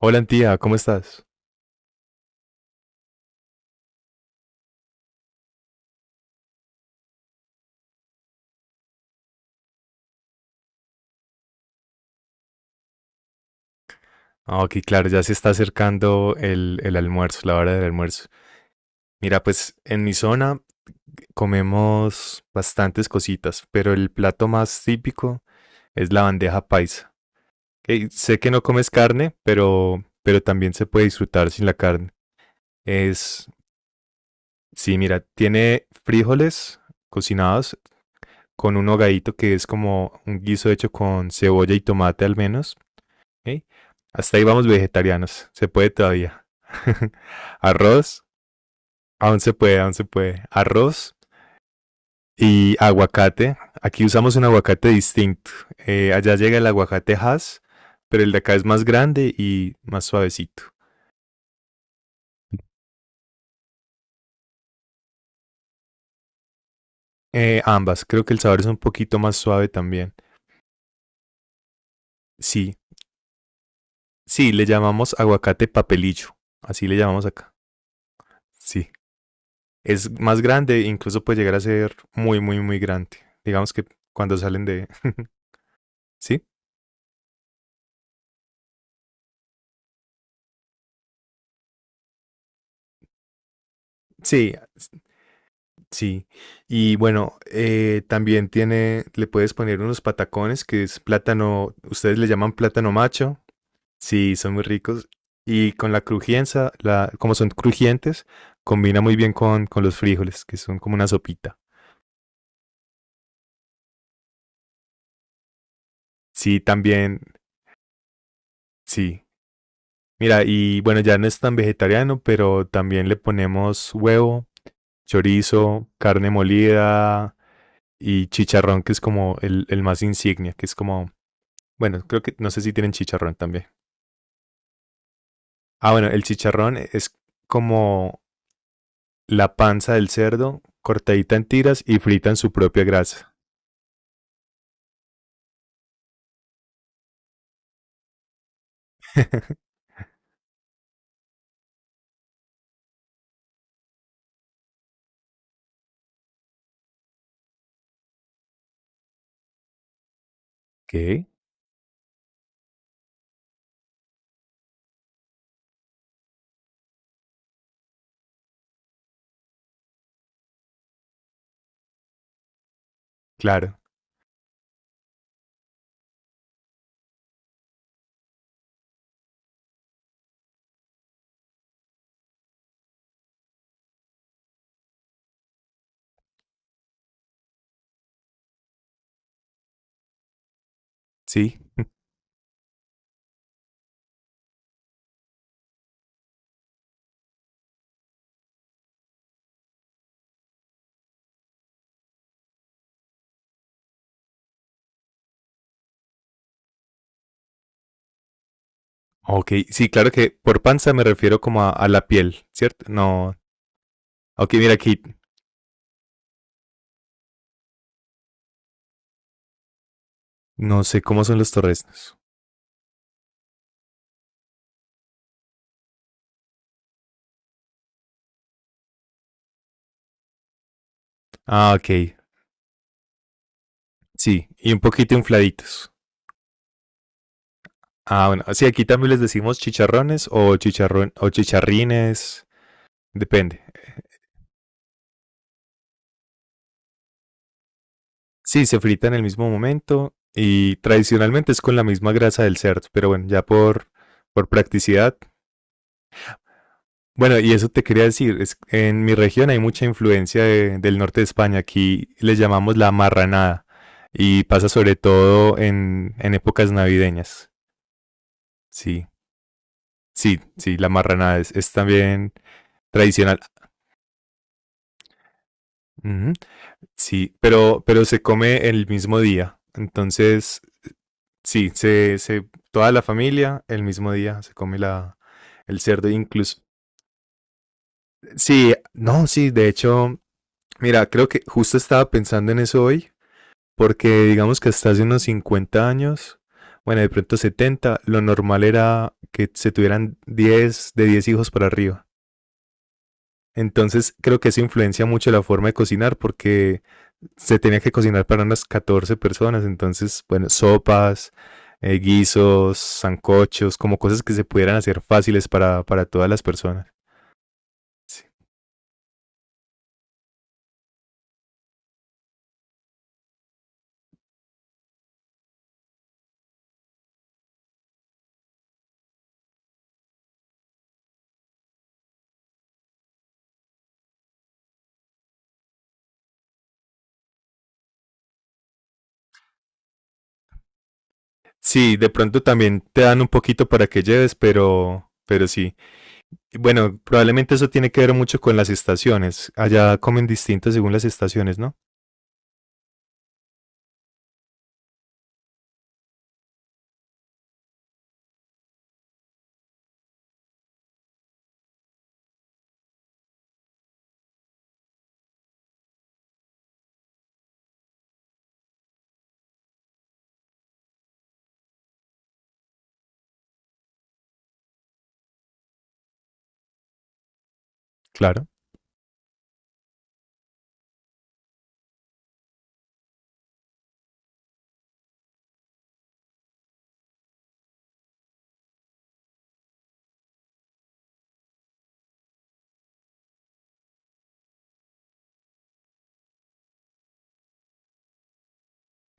Hola, tía, ¿cómo estás? Ok, claro, ya se está acercando el almuerzo, la hora del almuerzo. Mira, pues en mi zona comemos bastantes cositas, pero el plato más típico es la bandeja paisa. Ok, sé que no comes carne, pero también se puede disfrutar sin la carne. Es, sí, mira, tiene frijoles cocinados con un hogadito que es como un guiso hecho con cebolla y tomate al menos. ¿Ok? Hasta ahí vamos vegetarianos. Se puede todavía. Arroz. Aún se puede. Arroz y aguacate. Aquí usamos un aguacate distinto. Allá llega el aguacate Hass, pero el de acá es más grande y más suavecito. Ambas. Creo que el sabor es un poquito más suave también. Sí, sí, le llamamos aguacate papelillo. Así le llamamos acá. Sí. Es más grande, incluso puede llegar a ser muy, muy, muy grande. Digamos que cuando salen de... ¿Sí? Sí, sí. Y bueno, también tiene, le puedes poner unos patacones que es plátano, ustedes le llaman plátano macho. Sí, son muy ricos. Y con la crujienza, la, como son crujientes, combina muy bien con los frijoles, que son como una sopita. Sí, también, sí. Mira, y bueno, ya no es tan vegetariano, pero también le ponemos huevo, chorizo, carne molida y chicharrón, que es como el más insignia, que es como bueno, creo que no sé si tienen chicharrón también. Ah, bueno, el chicharrón es como la panza del cerdo cortadita en tiras y frita en su propia grasa. ¿Qué? Claro, sí. Ok, sí, claro que por panza me refiero como a la piel, ¿cierto? No. Ok, mira aquí, no sé cómo son los torresnos. Ah, ok, sí, y un poquito infladitos. Ah, bueno, sí, aquí también les decimos chicharrones o chicharrón o chicharrines, depende. Sí, se frita en el mismo momento y tradicionalmente es con la misma grasa del cerdo, pero bueno, por practicidad. Bueno, y eso te quería decir, es, en mi región hay mucha influencia de- del norte de España, aquí le llamamos la marranada y pasa sobre todo en épocas navideñas. Sí, sí, sí, la marranada es también tradicional. Ujú, sí, pero se come el mismo día, entonces sí, toda la familia el mismo día se come la, el cerdo, incluso. Sí, no, sí, de hecho, mira, creo que justo estaba pensando en eso hoy, porque digamos que hasta hace unos 50 años, bueno, de pronto 70 lo normal era que se tuvieran 10 de 10 hijos para arriba. Entonces, creo que eso influencia mucho la forma de cocinar, porque se tenía que cocinar para unas 14 personas, entonces, bueno, sopas, guisos, sancochos, como cosas que se pudieran hacer fáciles para todas las personas. Sí. Sí, de pronto también te dan un poquito para que lleves, pero sí. Y bueno, probablemente eso tiene que ver mucho con las estaciones. Allá comen distinto según las estaciones, ¿no? Claro,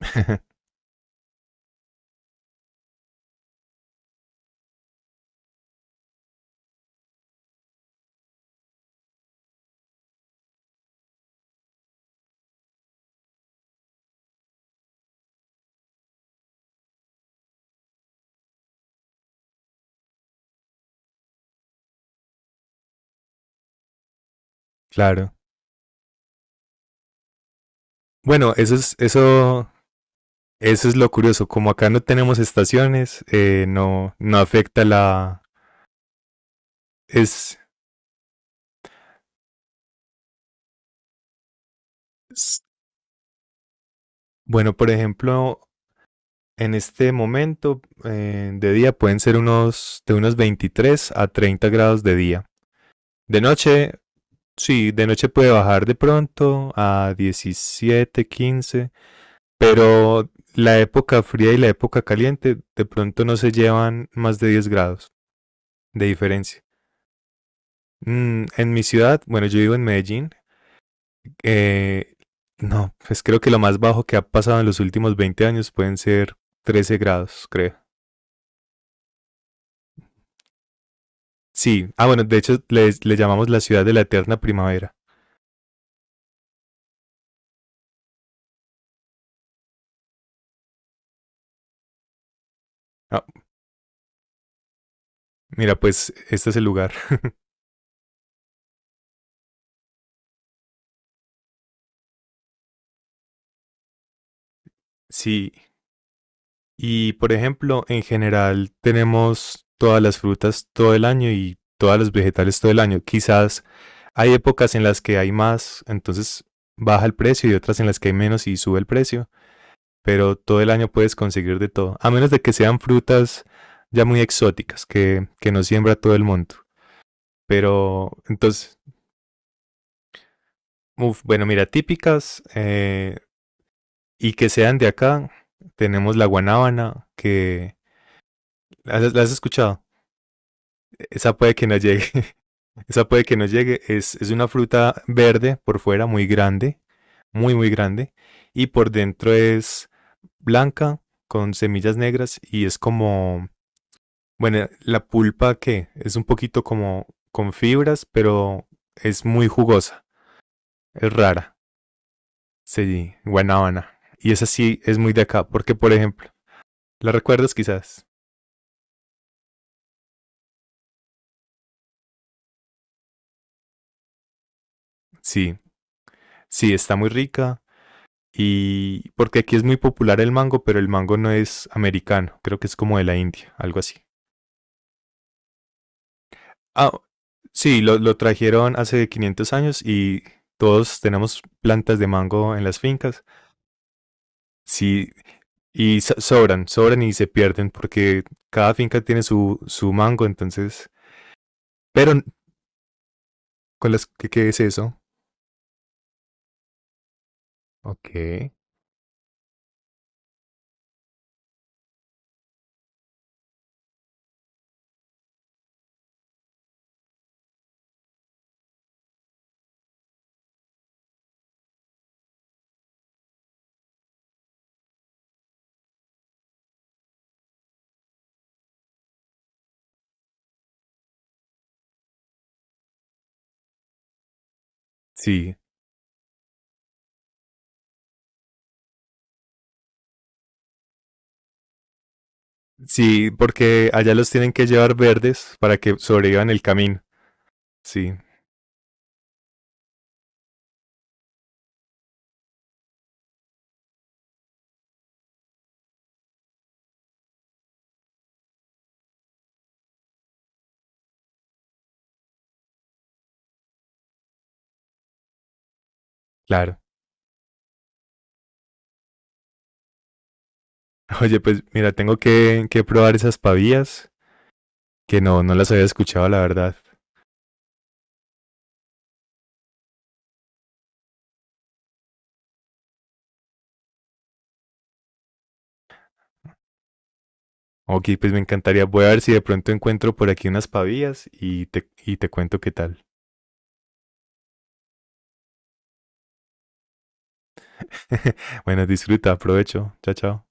claro. Bueno, eso es, eso es lo curioso. Como acá no tenemos estaciones, no, no afecta la... Es, bueno, por ejemplo, en este momento de día pueden ser unos de unos 23 a 30 grados de día. De noche, sí, de noche puede bajar de pronto a 17 15, pero la época fría y la época caliente de pronto no se llevan más de 10 grados de diferencia. Mm, en mi ciudad, bueno, yo vivo en Medellín, eh, no, pues creo que lo más bajo que ha pasado en los últimos 20 años pueden ser 13 grados, creo. Sí, ah, bueno, de hecho le llamamos la ciudad de la eterna primavera. Ah, mira, pues este es el lugar. Sí, y por ejemplo, en general tenemos todas las frutas todo el año y todos los vegetales todo el año. Quizás hay épocas en las que hay más, entonces baja el precio y otras en las que hay menos y sube el precio, pero todo el año puedes conseguir de todo, a menos de que sean frutas ya muy exóticas que no siembra todo el mundo. Pero entonces, uf, bueno, mira, típicas, y que sean de acá, tenemos la guanábana, que... ¿La has escuchado? Esa puede que no llegue, esa puede que no llegue. Es una fruta verde por fuera, muy grande, muy, muy grande. Y por dentro es blanca, con semillas negras y es como, bueno, la pulpa que es un poquito como con fibras, pero es muy jugosa, es rara, sí, guanábana. Y esa sí es muy de acá, porque por ejemplo, ¿la recuerdas quizás? Sí, sí, está muy rica. Y porque aquí es muy popular el mango, pero el mango no es americano, creo que es como de la India, algo así. Ah, sí, lo trajeron hace 500 años y todos tenemos plantas de mango en las fincas. Sí, y so- sobran y se pierden porque cada finca tiene su mango, entonces... Pero, n- ¿con las qué, qué es eso? Ok. Sí, sí, porque allá los tienen que llevar verdes para que sobrevivan el camino. Sí, claro. Oye, pues mira, tengo que probar esas pavías, que no, no las había escuchado, la verdad. Ok, pues me encantaría. Voy a ver si de pronto encuentro por aquí unas pavías y te cuento qué tal. Bueno, disfruta, aprovecho. Chao, chao.